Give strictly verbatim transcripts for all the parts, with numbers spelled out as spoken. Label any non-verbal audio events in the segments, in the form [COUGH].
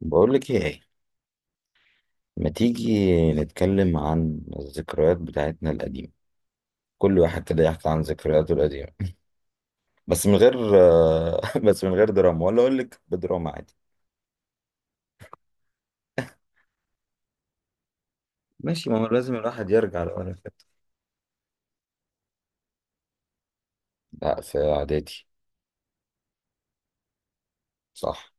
بقول لك ايه؟ ما تيجي نتكلم عن الذكريات بتاعتنا القديمة؟ كل واحد كده يحكي عن ذكرياته القديمة، بس من غير آه، [LAUGHS] بس من غير دراما، ولا اقول لك بدراما عادي. ماشي، ما هو لازم الواحد يرجع لورا كده. لا، في اعدادي صح.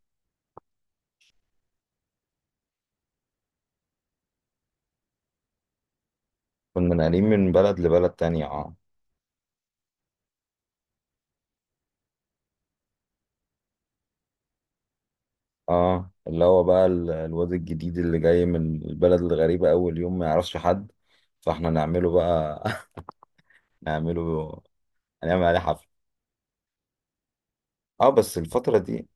كنا ناقلين من بلد لبلد تانية، اه. اه، اللي هو بقى ال- الواد الجديد اللي جاي من البلد الغريبة، اول يوم ما يعرفش حد، فاحنا نعمله بقى. [LAUGHS] نعمله، هنعمل عليه حفلة. اه، بس الفترة دي.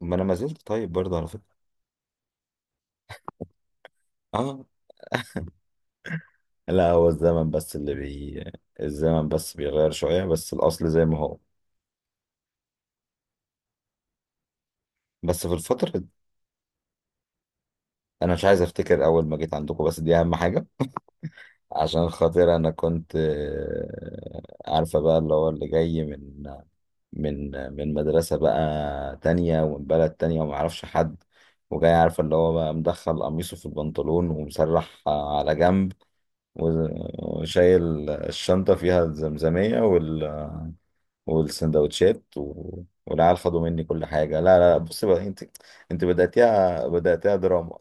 ما انا ما زلت طيب برضه على فكرة. اه، لا هو الزمن بس اللي بي الزمن بس بيغير شوية، بس الأصل زي ما هو. بس في الفترة، أنا مش عايز أفتكر أول ما جيت عندكم، بس دي أهم حاجة. عشان خاطر أنا كنت آه، عارفة بقى اللي هو اللي جاي من من من مدرسة بقى تانية، ومن بلد تانية، ومعرفش حد. وجاي عارفة اللي هو بقى مدخل قميصه في البنطلون ومسرح على جنب، وشايل الشنطة، فيها الزمزمية والسندوتشات و... والعيال خدوا مني كل حاجة. لا لا، بص بقى انت، انت بدأتيها بدأتيها دراما.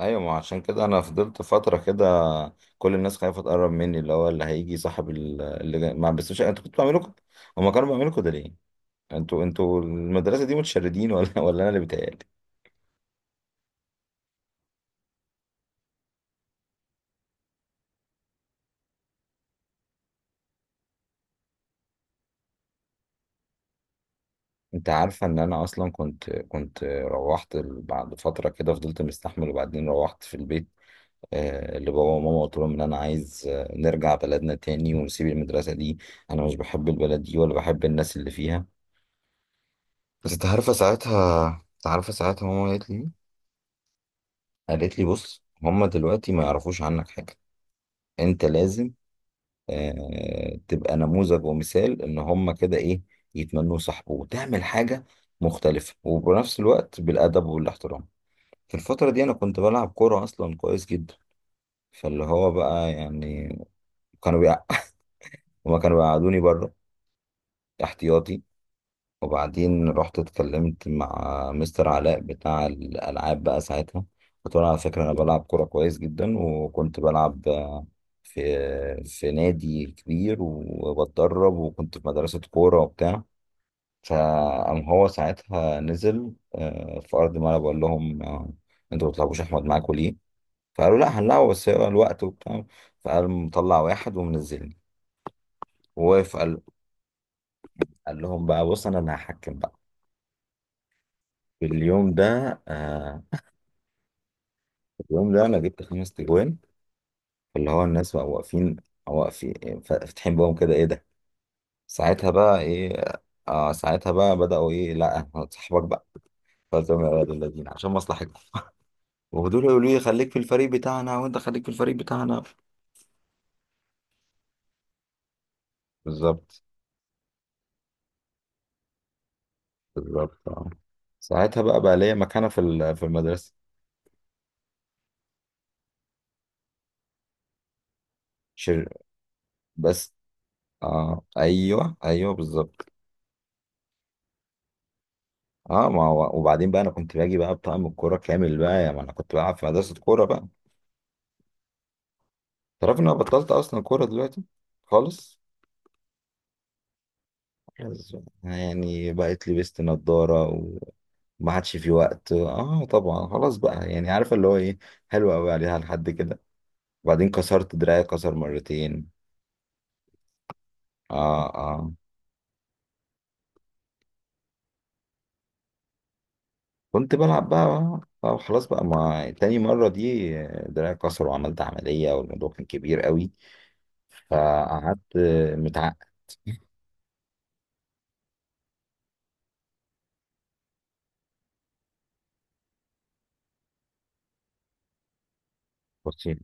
ايوه، ما عشان كده انا فضلت فترة كده كل الناس خايفة تقرب مني. اللي هو اللي هيجي صاحب ال- اللي جاي، ما بس مش انتوا كنتوا بتعملوا كده؟ هما كانوا بيعملوا كده ليه؟ انتوا انتوا المدرسة دي متشردين، ولا [LAUGHS] ولا انا اللي بيتهيألي؟ انت عارفة ان انا اصلا كنت كنت روحت ال- بعد فترة كده فضلت مستحمل، وبعدين روحت في البيت. آه، لبابا وماما قلت لهم ان انا عايز آه، نرجع بلدنا تاني ونسيب المدرسة دي. انا مش بحب البلد دي، ولا بحب الناس اللي فيها. بس انت عارفه ساعتها، انت عارفه ساعتها ماما قالت لي ايه؟ قالت لي بص، هما دلوقتي ما يعرفوش عنك حاجة، انت لازم آه تبقى نموذج ومثال، ان هما كده ايه، يتمنوا صاحبه، وتعمل حاجة مختلفة، وبنفس الوقت بالأدب والاحترام. في الفترة دي أنا كنت بلعب كورة أصلا كويس جدا، فاللي هو بقى يعني، كانوا بيقع... [LAUGHS] هما كانوا بيقعدوني بره احتياطي. وبعدين رحت اتكلمت مع مستر علاء بتاع الالعاب بقى ساعتها، قلت له على فكره انا بلعب كوره كويس جدا، وكنت بلعب آه، في في نادي كبير وبتدرب، وكنت في مدرسه كوره وبتاع. فقام هو ساعتها نزل آه، في ارض الملعب وقال لهم آه، انتوا ما بتلعبوش احمد معاكم ليه؟ فقالوا لا هنلعبه، بس هو الوقت وبتاع. فقال مطلع واحد ومنزلني، ووقف قال، قال لهم بقى بص، انا اللي هحكم بقى في اليوم ده. آه، في اليوم ده انا جبت خمس تجوان، اللي هو الناس بقوا واقفين، واقفين فاتحين بقهم كده، ايه ده؟ ساعتها بقى ايه، آه ساعتها بقى بدأوا ايه، لا صاحبك بقى، فزم يا ولاد الذين عشان مصلحتكم. ودول يقولوا لي خليك في الفريق بتاعنا، وانت خليك في الفريق بتاعنا. بالظبط بالظبط آه. ساعتها بقى بقى ليا مكانة في ال- في المدرسة. شر بس. آه ايوه، ايوه بالظبط. اه ما هو وبعدين بقى انا كنت باجي بقى بطقم الكوره كامل بقى، يعني ما انا كنت بلعب في مدرسه كوره بقى. تعرف ان انا بطلت اصلا كوره دلوقتي خالص؟ خلاص بقى. يعني بقيت لبست نظاره، وما عادش في وقت. اه طبعا خلاص بقى، يعني عارف اللي هو ايه، حلوه قوي عليها لحد كده. وبعدين كسرت دراعي كسر مرتين. اه اه كنت بلعب بقى آه خلاص بقى، ما تاني مرة دي دراعي كسر، وعملت عملية، والموضوع كان كبير قوي. فقعدت متعقد. بصي،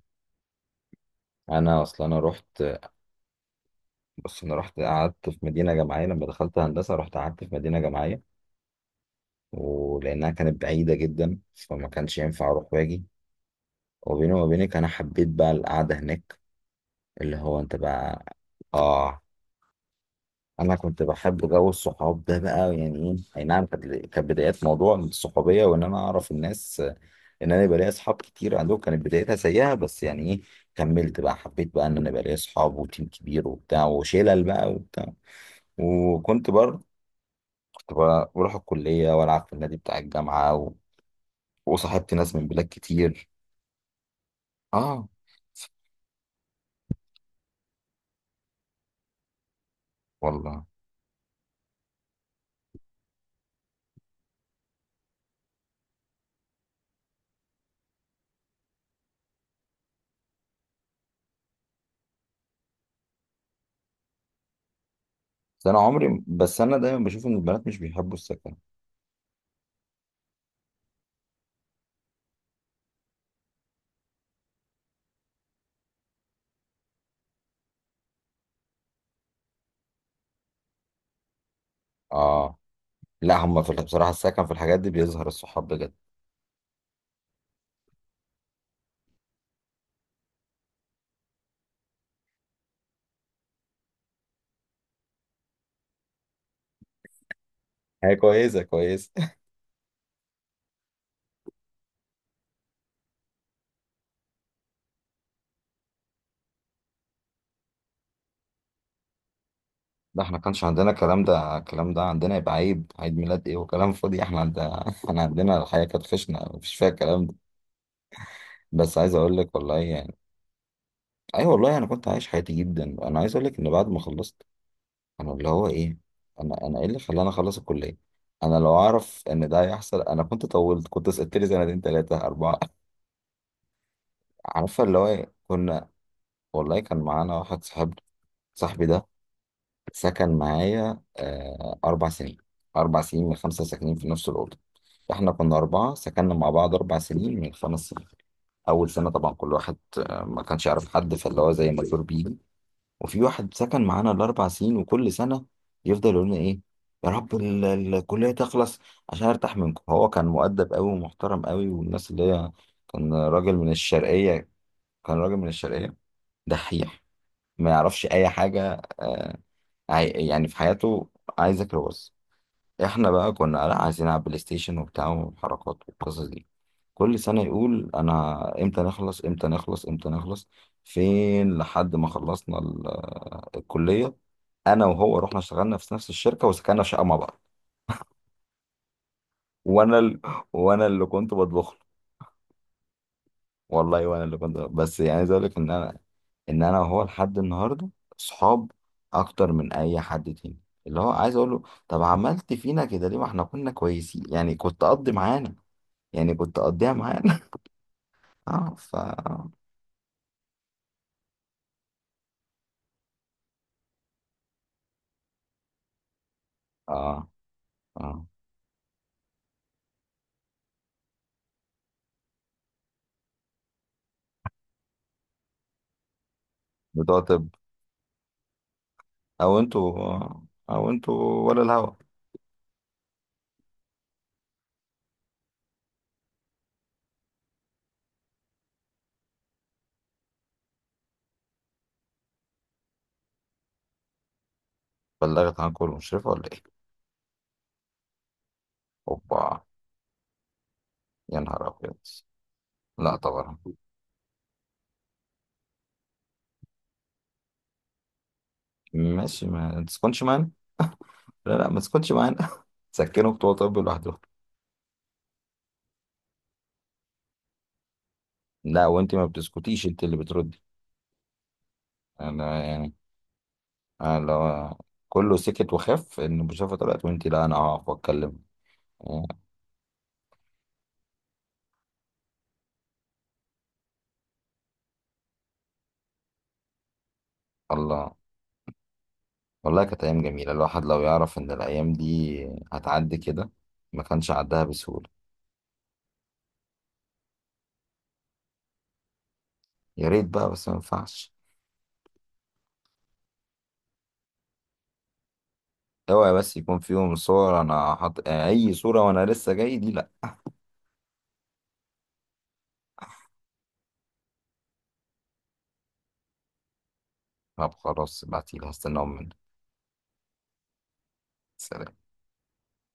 انا اصلا انا رحت بص، انا رحت قعدت في مدينه جامعيه لما دخلت هندسه، رحت قعدت في مدينه جامعيه. ولانها كانت بعيده جدا، فما كانش ينفع اروح واجي. وبيني وما بينك انا حبيت بقى القعده هناك. اللي هو انت بقى، اه، انا كنت بحب جو الصحاب ده بقى، يعني ايه، اي نعم، كانت كانت بدايات موضوع الصحوبيه، وان انا اعرف الناس، ان انا يبقى ليا اصحاب كتير عندهم. كانت بدايتها سيئه، بس يعني ايه، كملت بقى، حبيت بقى ان انا يبقى ليا اصحاب وتيم كبير وبتاع وشلل بقى وبتاع. وكنت برضه كنت ب- بروح الكلية وألعب في النادي بتاع الجامعة و... وصاحبت ناس من بلاد كتير. اه والله. بس أنا عمري، بس أنا دايما بشوف إن البنات مش بيحبوا السكن. اه لا، هما في ال- بصراحة السكن في الحاجات دي بيظهر الصحاب بجد. هي كويسة كويسة ده احنا كانش عندنا الكلام ده، الكلام ده عندنا يبقى عيد، عيد ميلاد ايه وكلام فاضي؟ احنا عندنا [LAUGHS] احنا عندنا الحياة كانت خشنة مفيش فيها الكلام ده. بس عايز اقول لك والله يعني، اي أيوة والله انا كنت عايش حياتي جدا، انا عايز اقول لك ان بعد ما خلصت، انا اللي هو ايه، انا انا ايه اللي خلاني اخلص الكليه؟ انا لو اعرف ان ده هيحصل، انا كنت طولت، كنت سقطت لي سنتين ثلاثه اربعه. عارفه اللي هو إيه؟ كنا، والله كان معانا واحد صاحبنا، صاحبي ده سكن معايا آه اربع سنين. اربع سنين من خمسه ساكنين في نفس الاوضه. احنا كنا اربعه سكننا مع بعض اربع سنين من خمس سنين. اول سنه طبعا كل واحد آه، ما كانش يعرف حد، فاللي هو زي ما تقول بيه. وفي واحد سكن معانا الاربع سنين، وكل سنه يفضل يقول لنا ايه، يا رب ال- ال- الكليه تخلص عشان ارتاح منكم. هو كان مؤدب قوي ومحترم قوي والناس اللي هي، كان راجل من الشرقيه كان راجل من الشرقيه دحيح، ما يعرفش اي حاجه. آه، عاي- يعني في حياته عايزك بس. احنا بقى كنا لا، عايزين نلعب بلاي ستيشن وبتاع وحركات والقصص دي. كل سنة يقول انا امتى نخلص، امتى نخلص، امتى نخلص. فين لحد ما خلصنا ال- الكلية، انا وهو رحنا اشتغلنا في نفس الشركة، وسكننا في شقة مع بعض. وانا ال... وانا اللي كنت بطبخ له والله، وانا اللي كنت، بس يعني عايز اقول لك ان انا، ان انا وهو لحد النهارده صحاب، اكتر من اي حد تاني. اللي هو عايز اقول له، طب عملت فينا كده ليه؟ ما احنا كنا كويسين، يعني كنت قضي معانا، يعني كنت اقضيها معانا. [LAUGHS] اه ف، اه اه، بتوع طب. او انتوا او انتوا ولا الهوا؟ بلغت عنكم المشرفة ولا ايه؟ اوبا، يا نهار ابيض. لا طبعا. ماشي، ما تسكنش معانا. [LAUGHS] لا لا، ما تسكتش معانا. [LAUGHS] سكنوا بتوع طب لوحدهم. لا وانت ما بتسكتيش، انت اللي بتردي. انا يعني، انا لو، كله سكت وخاف ان المشرفه طلعت، وانت لا، انا هقف واتكلم. آه، الله، والله كانت أيام جميلة. الواحد لو يعرف إن الأيام دي هتعدي كده، ما كانش عدها بسهولة. يا ريت بقى، بس ما ينفعش. اوعي بس يكون فيهم صور أنا حط أي صورة، وأنا لسه جاي دي لأ. طب خلاص ابعتيلي، هستناهم منك. سلام.